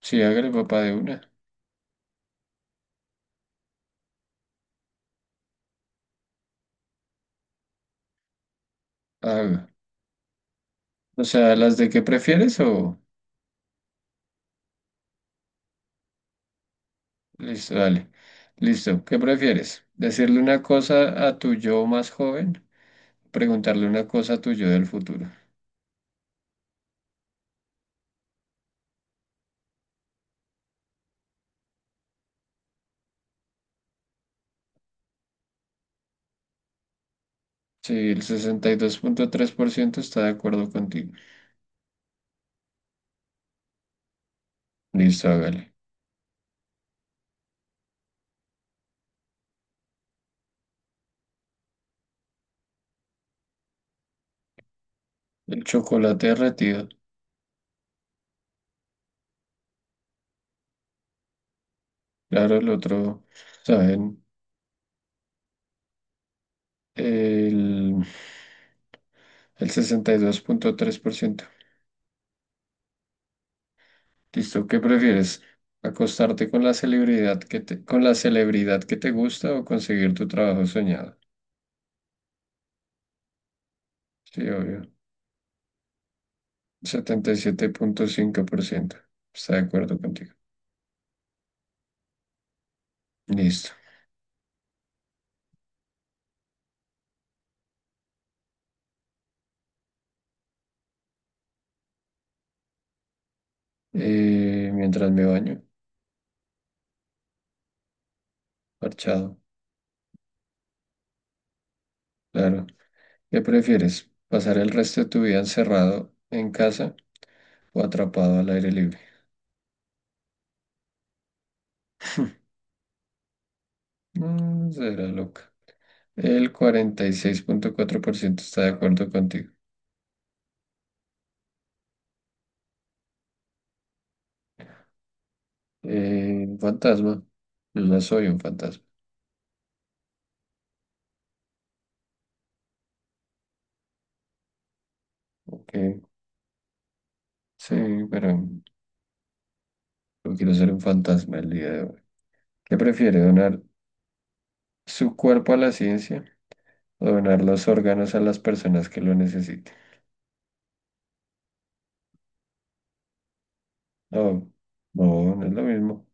Sí, hágale papá de una. Haga. O sea, las de qué prefieres o. Listo, dale. Listo. ¿Qué prefieres? ¿Decirle una cosa a tu yo más joven? Preguntarle una cosa a tu yo del futuro. Sí, el 62.3% está de acuerdo contigo. Listo, hágale. El chocolate derretido. Claro, el otro, ¿saben? El, el 62.3%. Listo, ¿qué prefieres? ¿Acostarte con la celebridad que te, con la celebridad que te gusta o conseguir tu trabajo soñado? Sí, obvio. 77.5% está de acuerdo contigo. Listo. Mientras me baño, parchado, claro. ¿Qué prefieres? ¿Pasar el resto de tu vida encerrado en casa o atrapado al aire libre? No, será loca. El 46.4% está de acuerdo contigo. Fantasma. Yo ya soy un fantasma. Ok. Sí, pero no quiero ser un fantasma el día de hoy. ¿Qué prefiere, donar su cuerpo a la ciencia o donar los órganos a las personas que lo necesiten? No, no, no es lo mismo.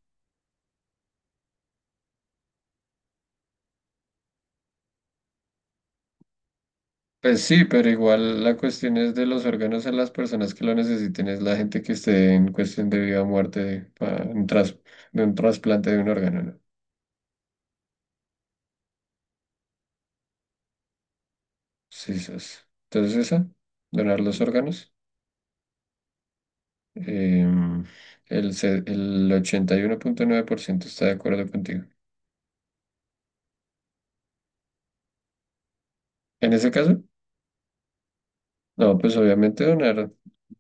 Pues sí, pero igual la cuestión es de los órganos a las personas que lo necesiten, es la gente que esté en cuestión de vida o muerte, de un trasplante de un órgano, ¿no? Sí, eso. Entonces esa, donar los órganos. Em, el 81.9% está de acuerdo contigo. En ese caso. No, pues obviamente donar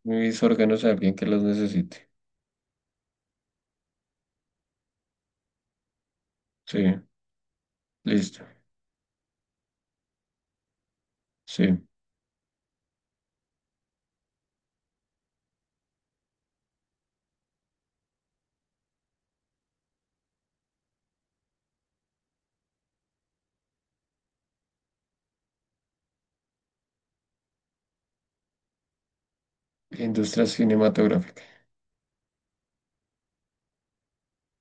mis órganos a alguien que los necesite. Sí, listo. Sí. Industria cinematográfica.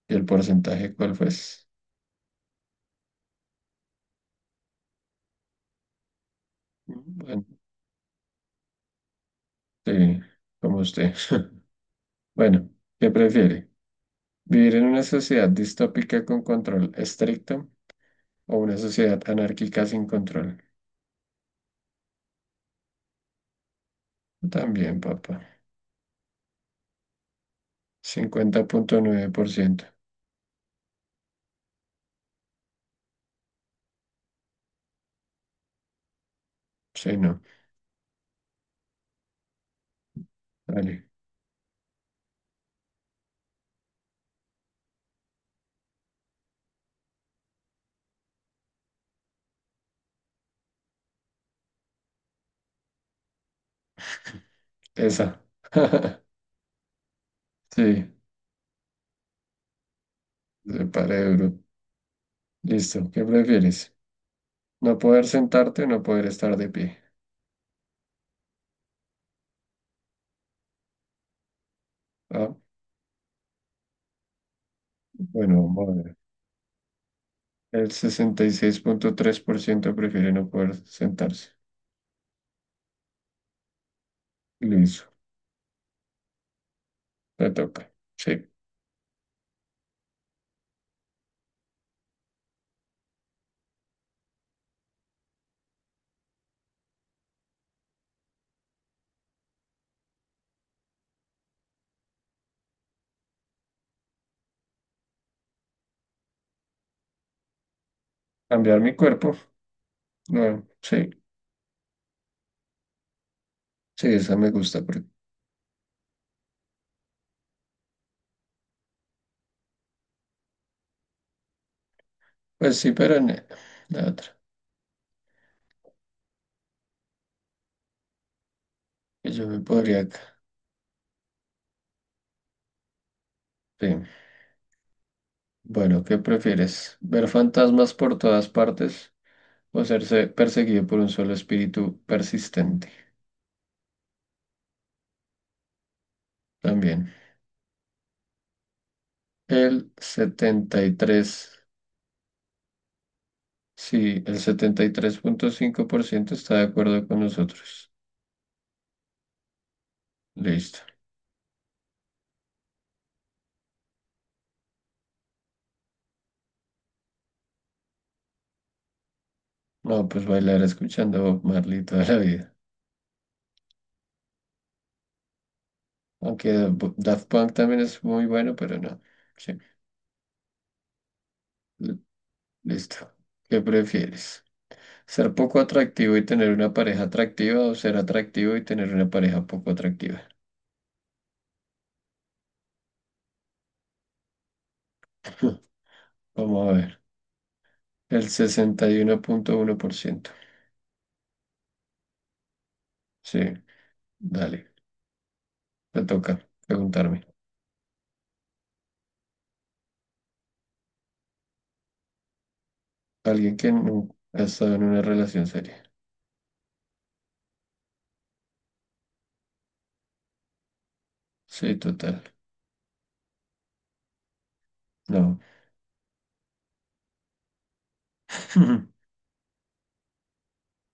¿Y el porcentaje cuál fue? Bueno, sí, como usted. Bueno, ¿qué prefiere? ¿Vivir en una sociedad distópica con control estricto o una sociedad anárquica sin control? También, papá. 50.9%. Sí, no. Vale. Esa. Sí, se pare duro. Listo. ¿Qué prefieres? No poder sentarte, no poder estar de pie. Ah, bueno, vamos a ver. El 66.3% prefiere no poder sentarse. Listo, me toca. Sí. Cambiar mi cuerpo. No, sí, sí, esa me gusta. Pues sí, pero no, la otra. Que yo me podría. Sí. Bueno, ¿qué prefieres? ¿Ver fantasmas por todas partes o serse perseguido por un solo espíritu persistente? También. El setenta y tres Sí, el 73.5% está de acuerdo con nosotros. Listo. No, pues bailar escuchando Bob Marley toda la vida. Aunque Daft Punk también es muy bueno, pero no. Sí, L- listo. ¿Qué prefieres? ¿Ser poco atractivo y tener una pareja atractiva o ser atractivo y tener una pareja poco atractiva? Vamos a ver. El sesenta y uno punto uno por ciento. Sí, dale. Te toca preguntarme. Alguien que nunca ha estado en una relación seria. Sí, total. No.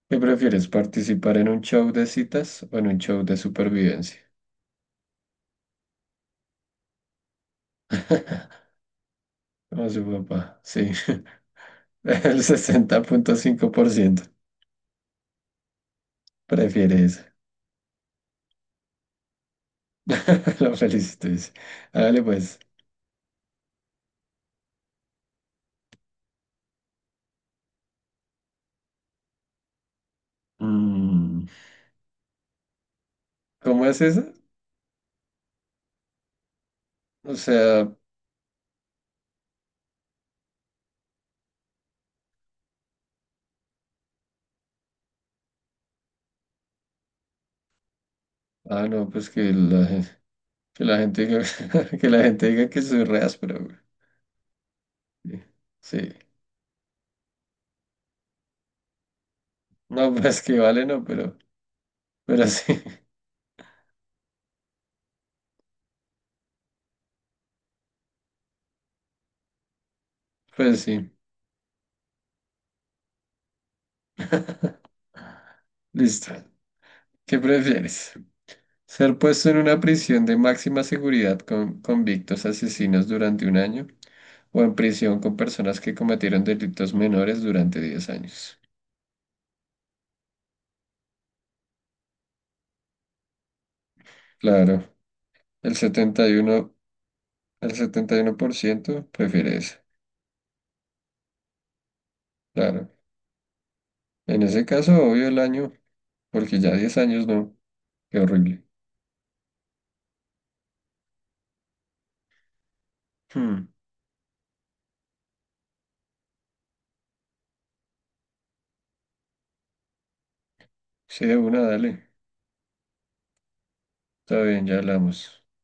¿Qué prefieres, participar en un show de citas o en un show de supervivencia? Como su papá, sí. El 60.5% prefiere eso. Lo felicito, dice. Hágale pues. Mm, ¿Cómo es eso? O sea, ah, no, pues que la gente diga, que la gente diga que soy re áspero, güey. Sí. Sí. No, pues que vale, no, pero sí, pues sí. Listo. ¿Qué prefieres? Ser puesto en una prisión de máxima seguridad con convictos asesinos durante un año o en prisión con personas que cometieron delitos menores durante 10 años. Claro, el setenta y uno, el 71% prefiere eso. Claro. En ese caso, obvio el año, porque ya 10 años no. Qué horrible. Hmm. Sí, de una, dale. Está bien, ya hablamos.